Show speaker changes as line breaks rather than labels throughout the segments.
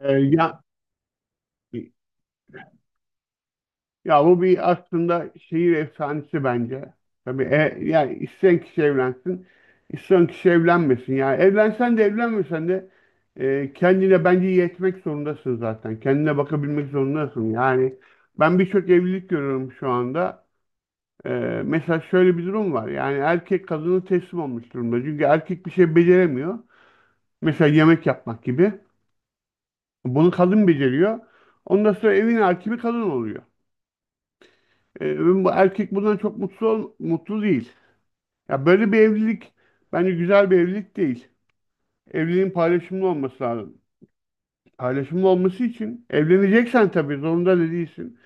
Ee, ya bu bir aslında şehir efsanesi bence. Tabii yani isteyen kişi evlensin, isteyen kişi evlenmesin. Yani evlensen de evlenmesen de kendine bence yetmek zorundasın zaten. Kendine bakabilmek zorundasın. Yani ben birçok evlilik görüyorum şu anda. Ee, Mesela şöyle bir durum var. Yani erkek kadını teslim olmuş durumda. Çünkü erkek bir şey beceremiyor. Mesela yemek yapmak gibi. Bunu kadın beceriyor. Ondan sonra evin hakimi kadın oluyor. Ee, Bu erkek bundan çok mutlu değil. Ya böyle bir evlilik bence güzel bir evlilik değil. Evliliğin paylaşımlı olması lazım. Paylaşımlı olması için evleneceksen tabii zorunda da değilsin.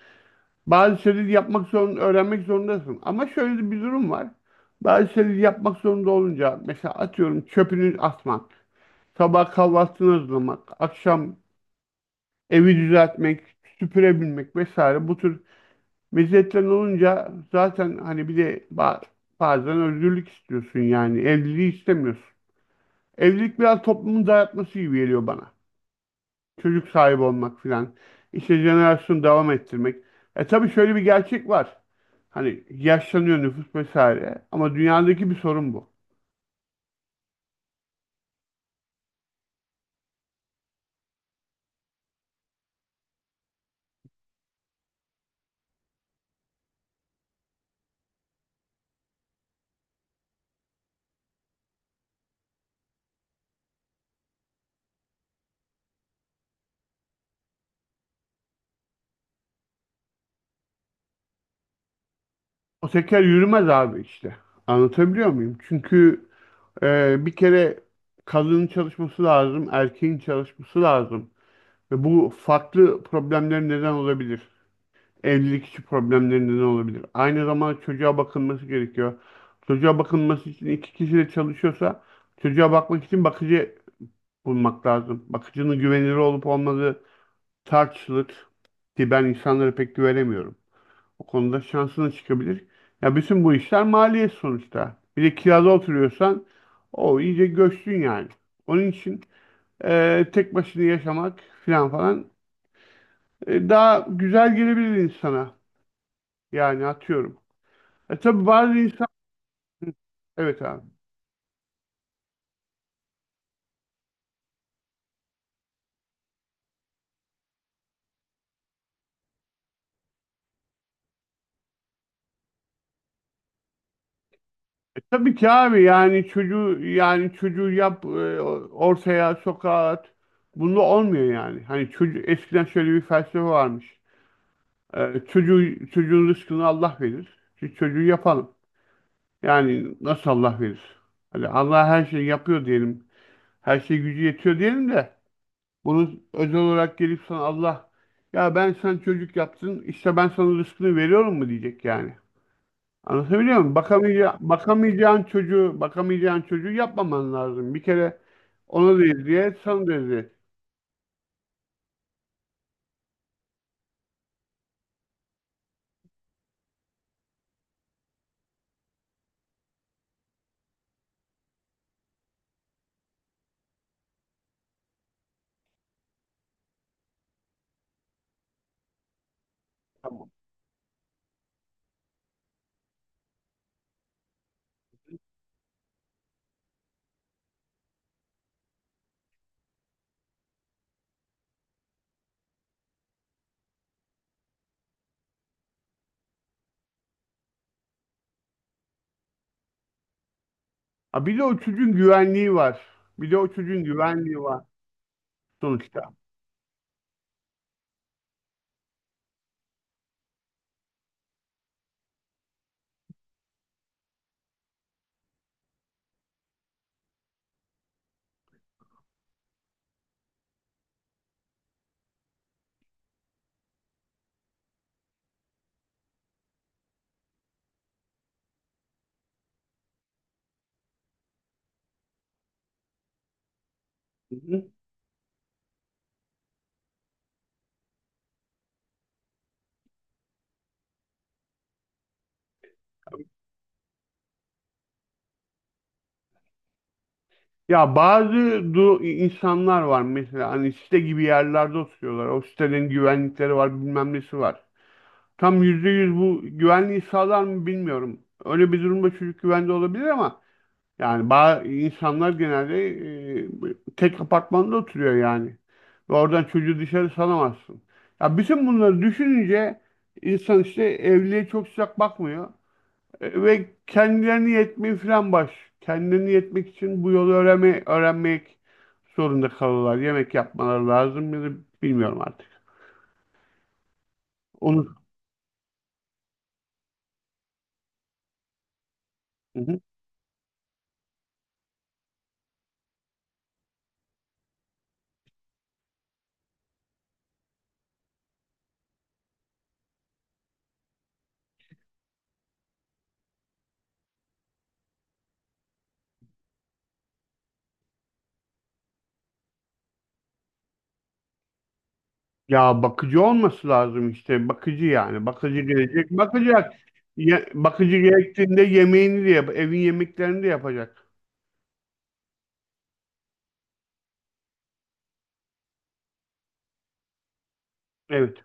Bazı şeyleri yapmak zorunda, öğrenmek zorundasın. Ama şöyle de bir durum var. Bazı şeyleri yapmak zorunda olunca mesela atıyorum çöpünü atmak, sabah kahvaltını hazırlamak, akşam evi düzeltmek, süpürebilmek vesaire bu tür meziyetlerin olunca zaten hani bir de bazen özgürlük istiyorsun yani. Evliliği istemiyorsun. Evlilik biraz toplumun dayatması gibi geliyor bana. Çocuk sahibi olmak filan. İşte jenerasyonu devam ettirmek. E tabii şöyle bir gerçek var. Hani yaşlanıyor nüfus vesaire. Ama dünyadaki bir sorun bu. O teker yürümez abi işte. Anlatabiliyor muyum? Çünkü bir kere kadının çalışması lazım, erkeğin çalışması lazım. Ve bu farklı problemlerin neden olabilir. Evlilik içi problemlerinde ne olabilir? Aynı zamanda çocuğa bakılması gerekiyor. Çocuğa bakılması için iki kişi de çalışıyorsa çocuğa bakmak için bakıcı bulmak lazım. Bakıcının güvenilir olup olmadığı tartışılır ki ben insanlara pek güvenemiyorum. O konuda şansına çıkabilir. Ya bütün bu işler maliyet sonuçta. Bir de kirada oturuyorsan o iyice göçtün yani. Onun için tek başına yaşamak falan falan daha güzel gelebilir insana. Yani atıyorum. E tabii bazı insan evet abi. E tabii ki abi yani çocuğu yap ortaya sokağa at. Bunda olmuyor yani. Hani çocuğu eskiden şöyle bir felsefe varmış. Çocuğun rızkını Allah verir. Şu çocuğu yapalım. Yani nasıl Allah verir? Hani Allah her şeyi yapıyor diyelim. Her şey gücü yetiyor diyelim de bunu özel olarak gelip sana Allah ya ben sen çocuk yaptın işte ben sana rızkını veriyorum mu diyecek yani. Anlatabiliyor muyum? Bakamayacağın çocuğu, çocuğu yapmaman lazım. Bir kere ona da eziyet, sana da eziyet. Ha bir de o çocuğun güvenliği var. Bir de o çocuğun güvenliği var sonuçta. Hı hı. Ya bazı insanlar var mesela hani site gibi yerlerde oturuyorlar. O sitelerin güvenlikleri var, bilmem nesi var. Tam yüzde yüz bu güvenliği sağlar mı bilmiyorum. Öyle bir durumda çocuk güvende olabilir ama yani bazı insanlar genelde e, tek apartmanda oturuyor yani. Ve oradan çocuğu dışarı salamazsın. Ya bütün bunları düşününce insan işte evliliğe çok sıcak bakmıyor. Ve kendilerini yetmeyi falan baş. Kendilerini yetmek için bu yolu öğrenmek zorunda kalırlar. Yemek yapmaları lazım mıdır bilmiyorum artık. Onu... Ya bakıcı olması lazım işte bakıcı yani bakıcı gelecek bakacak bakıcı gerektiğinde yemeğini de yap evin yemeklerini de yapacak evet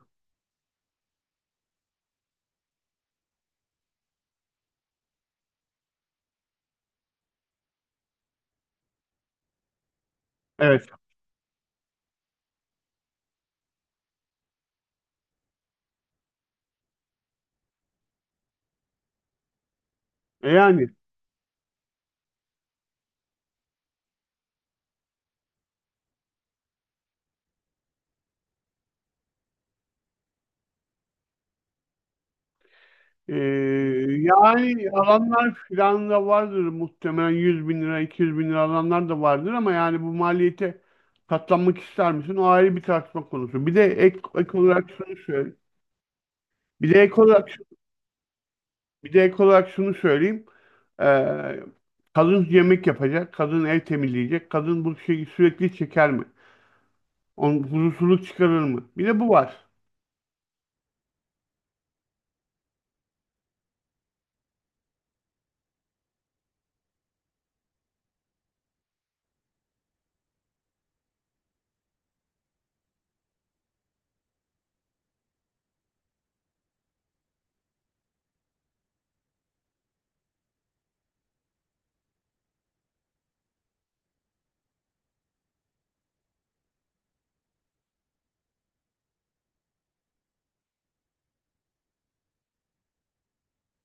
evet. E yani e, yani alanlar filan da vardır muhtemelen 100 bin lira 200 bin lira alanlar da vardır ama yani bu maliyete katlanmak ister misin o ayrı bir tartışma konusu bir de ek, ek olarak şunu söyleyeyim bir de ek olarak Bir de ek olarak şunu söyleyeyim. Ee, Kadın yemek yapacak, kadın ev temizleyecek, kadın bu şeyi sürekli çeker mi? Onun huzursuzluk çıkarır mı? Bir de bu var.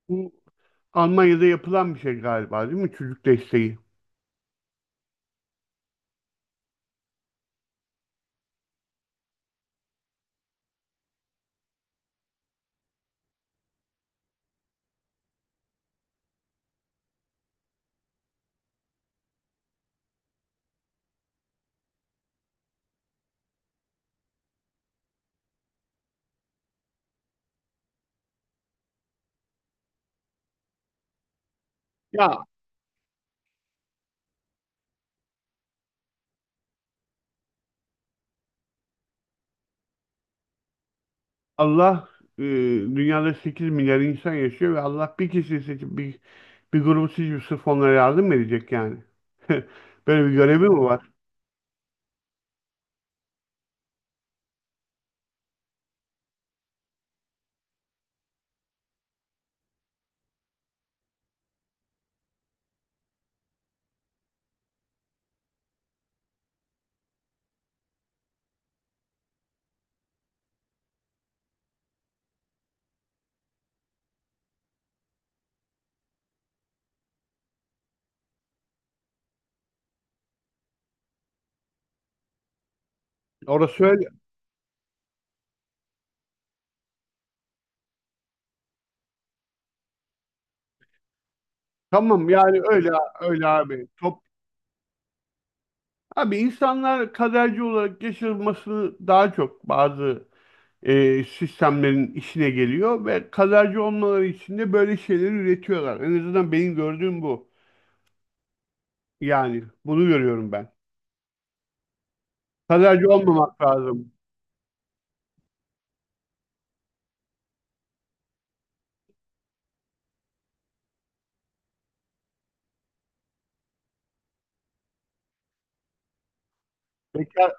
Bu Almanya'da yapılan bir şey galiba değil mi? Çocuk desteği. Ya Allah e, Dünyada 8 milyar insan yaşıyor ve Allah bir kişiyi seçip bir grubu seçip sırf onlara yardım mı edecek yani. Böyle bir görevi mi var? Orası öyle. Tamam yani öyle abi. Top. Abi insanlar kaderci olarak yaşaması daha çok bazı sistemlerin işine geliyor ve kaderci olmaları için de böyle şeyleri üretiyorlar. En azından benim gördüğüm bu. Yani bunu görüyorum ben. Kaderci olmamak lazım. Bekar,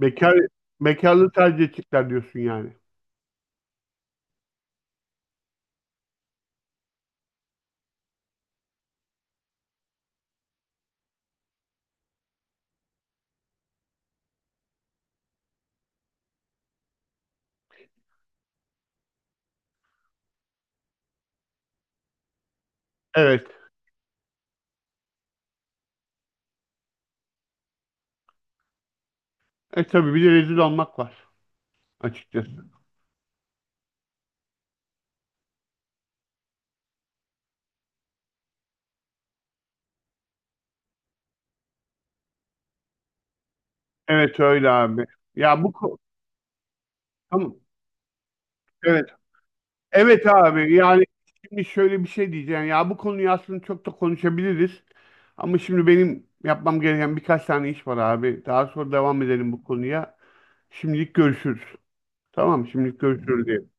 bekar, Bekarlığı tercih edecekler diyorsun yani. Evet. E tabii bir de rezil olmak var açıkçası. Evet öyle abi. Ya bu ko- tamam. Evet. Evet abi yani şimdi şöyle bir şey diyeceğim ya bu konuyu aslında çok da konuşabiliriz ama şimdi benim yapmam gereken birkaç tane iş var abi daha sonra devam edelim bu konuya. Şimdilik görüşürüz. Tamam, şimdilik görüşürüz.